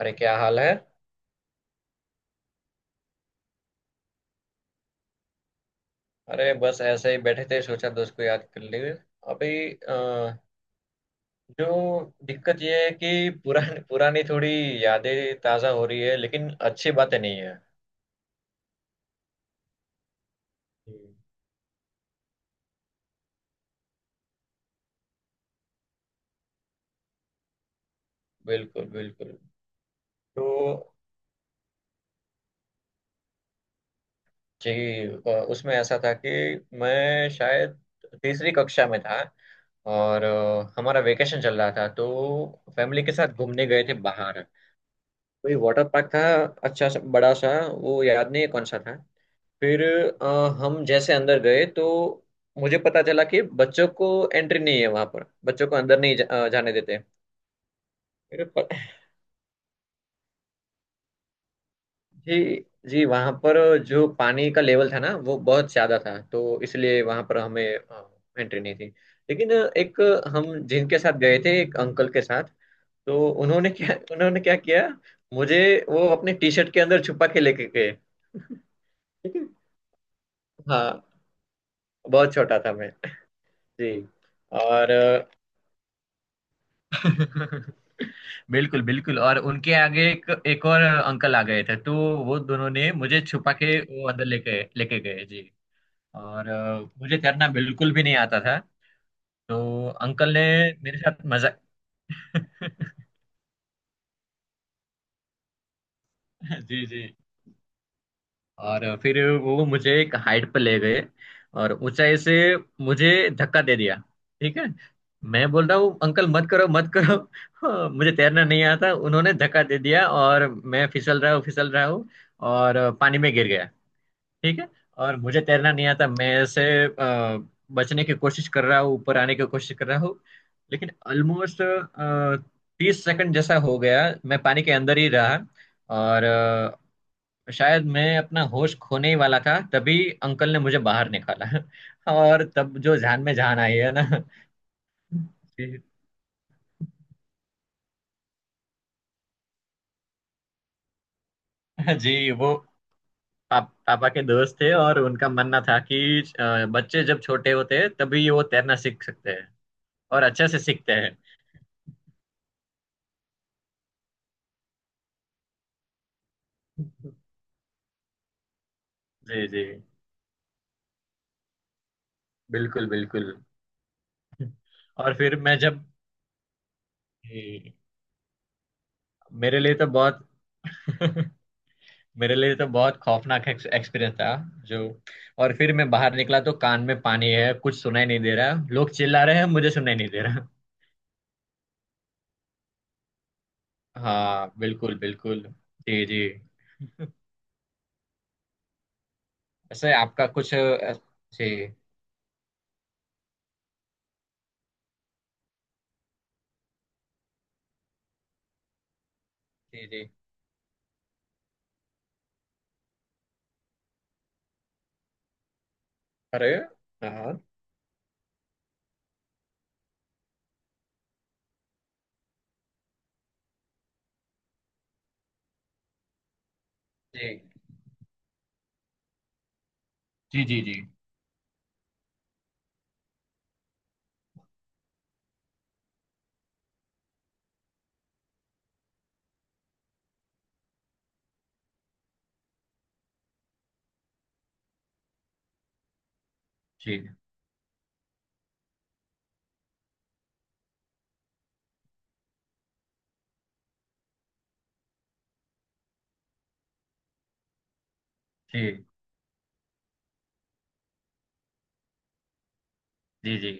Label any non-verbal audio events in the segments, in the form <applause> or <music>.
अरे क्या हाल है। अरे बस ऐसे ही बैठे थे, सोचा दोस्त को याद कर लिए। अभी अ, जो दिक्कत ये है कि पुरानी पुरानी थोड़ी यादें ताज़ा हो रही है, लेकिन अच्छी बातें नहीं है। हम्म। बिल्कुल, बिल्कुल। तो जी, उसमें ऐसा था कि मैं शायद तीसरी कक्षा में था, और हमारा वेकेशन चल रहा था, तो फैमिली के साथ घूमने गए थे बाहर। कोई वाटर पार्क था, अच्छा सा बड़ा सा। वो याद नहीं है कौन सा था। फिर अ, हम जैसे अंदर गए तो मुझे पता चला कि बच्चों को एंट्री नहीं है, वहां पर बच्चों को अंदर नहीं जाने देते। फिर प- जी। जी वहां पर जो पानी का लेवल था ना, वो बहुत ज्यादा था, तो इसलिए वहां पर हमें एंट्री नहीं थी। लेकिन एक हम जिनके साथ गए थे एक अंकल के साथ, तो उन्होंने क्या किया, मुझे वो अपने टी शर्ट के अंदर छुपा के लेके गए। <laughs> ठीक है। हाँ, बहुत छोटा था मैं। जी। और <laughs> बिल्कुल, बिल्कुल। और उनके आगे एक एक और अंकल आ गए थे, तो वो दोनों ने मुझे छुपा के वो अंदर लेके लेके गए जी। और मुझे तैरना बिल्कुल भी नहीं आता था, तो अंकल ने मेरे साथ मजाक <laughs> जी, जी। और फिर वो मुझे एक हाइट पर ले गए, और ऊंचाई से मुझे धक्का दे दिया। ठीक है। मैं बोल रहा हूँ, अंकल मत करो, मत करो। <laughs> हाँ, मुझे तैरना नहीं आता, उन्होंने धक्का दे दिया, और मैं फिसल रहा हूँ, फिसल रहा हूँ, और पानी में गिर गया। ठीक है। और मुझे तैरना नहीं आता, मैं ऐसे बचने की कोशिश कर रहा हूँ, ऊपर आने की कोशिश कर रहा हूँ। लेकिन ऑलमोस्ट तीस सेकंड जैसा हो गया, मैं पानी के अंदर ही रहा। और शायद मैं अपना होश खोने ही वाला था, तभी अंकल ने मुझे बाहर निकाला। <laughs> और तब जो जान में जान आई है ना। जी, जी। वो पापा के दोस्त थे, और उनका मानना था कि बच्चे जब छोटे होते हैं तभी वो तैरना सीख सकते हैं, और अच्छे से सीखते हैं। जी, जी। बिल्कुल, बिल्कुल। और फिर मैं जब जी, मेरे लिए तो बहुत <laughs> मेरे लिए तो बहुत खौफनाक एक्सपीरियंस था जो। और फिर मैं बाहर निकला तो कान में पानी है, कुछ सुनाई नहीं दे रहा, लोग चिल्ला रहे हैं, मुझे सुनाई नहीं दे रहा। हाँ, बिल्कुल, बिल्कुल। जी, जी। ऐसे आपका कुछ जी, जी, जी। अरे हाँ। जी, जी, जी, जी, जी, जी, जी, जी।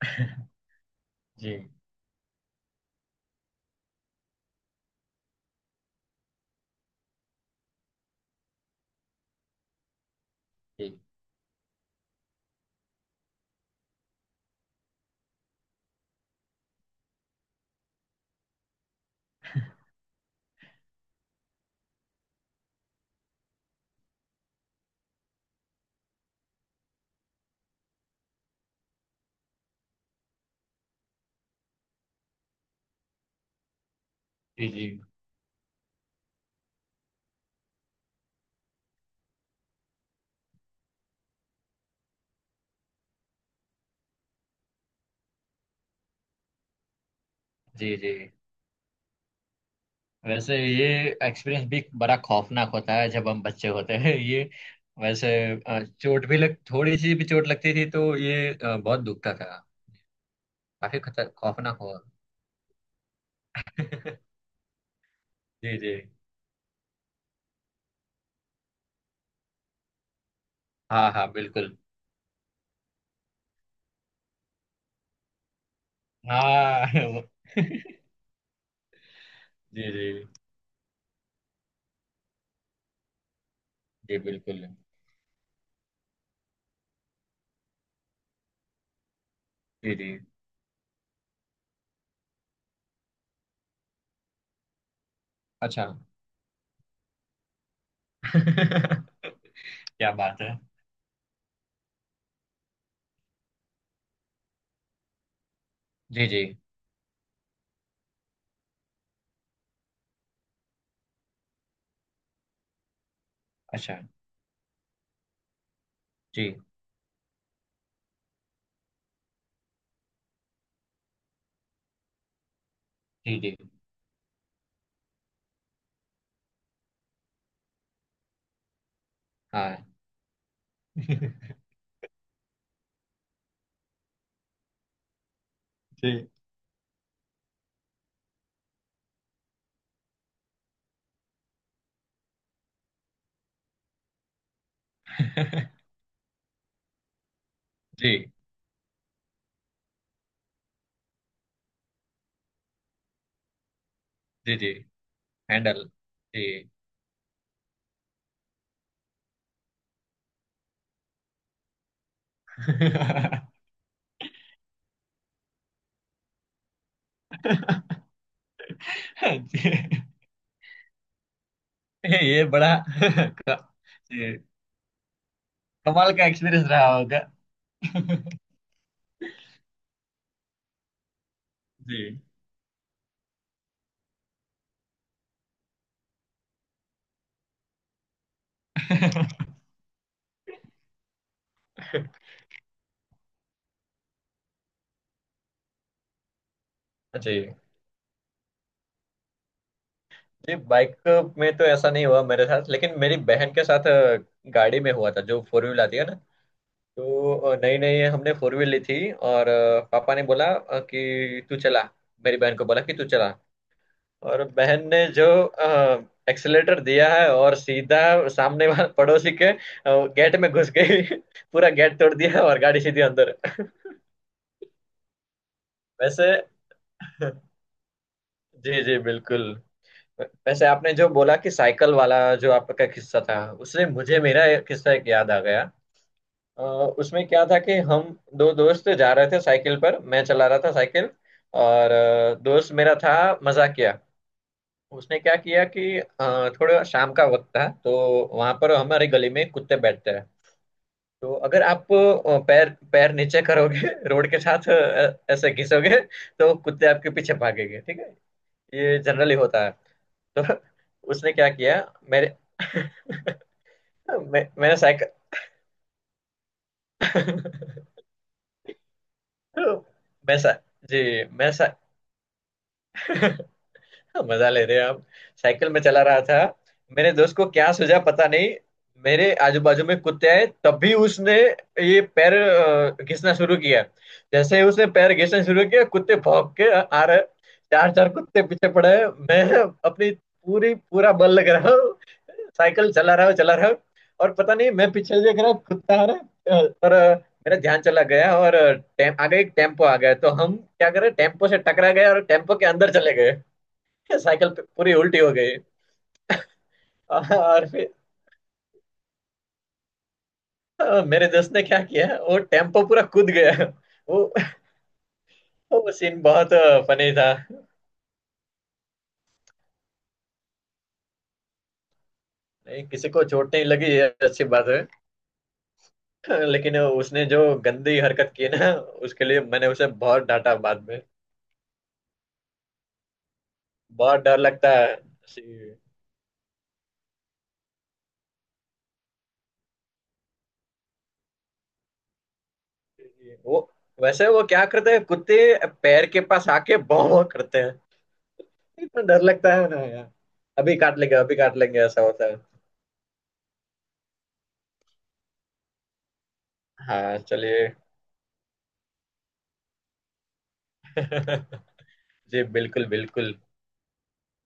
<laughs> जी, जी, जी, जी, जी, जी। वैसे ये एक्सपीरियंस भी बड़ा खौफनाक होता है जब हम बच्चे होते हैं, ये। वैसे चोट भी लग, थोड़ी सी भी चोट लगती थी तो ये बहुत दुखता था। काफी खतर खौफनाक हुआ। <laughs> जी, जी। हाँ, हाँ, बिल्कुल। हाँ। <laughs> वो- जी, जी। जी बिल्कुल। जी, जी। अच्छा। <laughs> क्या बात है। जी, जी। अच्छा। जी, जी, जी। हाँ। <laughs> जी। <laughs> जी, जी। जी हैंडल। जी। <laughs> <laughs> ये ये बड़ा <laughs> क- ये कमाल का एक्सपीरियंस रहा होगा। <laughs> जी, जी। जी बाइक में तो ऐसा नहीं हुआ मेरे साथ, लेकिन मेरी बहन के साथ गाड़ी में हुआ था, जो फोर व्हील आती है ना। तो नई नई हमने फोर व्हील ली थी, और पापा ने बोला कि तू चला, मेरी बहन को बोला कि तू चला। और बहन ने जो एक्सेलेटर दिया है, और सीधा सामने वाले पड़ोसी के गेट में घुस गई। <laughs> पूरा गेट तोड़ दिया, और गाड़ी सीधी अंदर। <laughs> वैसे जी, जी बिल्कुल। वैसे आपने जो बोला कि साइकिल वाला, जो आपका किस्सा था, उससे मुझे मेरा एक किस्सा एक याद आ गया। अ, उसमें क्या था कि हम दो दोस्त जा रहे थे साइकिल पर, मैं चला रहा था साइकिल। और दोस्त मेरा था मजाकिया। उसने क्या किया कि थोड़ा शाम का वक्त था, तो वहां पर हमारे गली में कुत्ते बैठते हैं। तो अगर आप पैर पैर नीचे करोगे <laughs> रोड के साथ ऐसे घिसोगे, तो कुत्ते आपके पीछे भागेंगे। ठीक है। ये जनरली होता है। तो <laughs> उसने क्या किया, मेरे <laughs> मैंने साइकिल <laughs> मैं सा, जी <laughs> <laughs> मजा ले रहे हो आप। साइकिल में चला रहा था, मेरे दोस्त को क्या सूझा पता नहीं। मेरे आजू बाजू में कुत्ते आए, तभी उसने ये पैर घिसना शुरू किया। जैसे ही उसने पैर घिसना शुरू किया, कुत्ते भौंक के आ रहे, चार चार कुत्ते पीछे पड़े हैं। मैं अपनी पूरी पूरा बल लग रहा हूँ, साइकिल चला रहा हूँ, चला रहा हूँ। और पता नहीं, मैं पीछे देख रहा हूँ, कुत्ता आ रहा है, और मेरा ध्यान चला गया, और टेम आगे एक टेम्पो आ गया, तो हम क्या करें, टेम्पो से टकरा गए और टेम्पो के अंदर चले गए, साइकिल पे पूरी उल्टी हो गई। और फिर मेरे दोस्त ने क्या किया, वो टेम्पो पूरा कूद गया। वो वो सीन बहुत फनी था। नहीं, किसी को चोट नहीं लगी, ये अच्छी बात है। लेकिन उसने जो गंदी हरकत की ना, उसके लिए मैंने उसे बहुत डांटा बाद में। बहुत डर लगता है। सी- वो वैसे वो क्या करते हैं कुत्ते, पैर के पास आके भौं करते हैं। इतना डर लगता है ना यार, अभी काट लेंगे, अभी काट लेंगे ऐसा होता है। हाँ, चलिए। <laughs> जी बिल्कुल, बिल्कुल।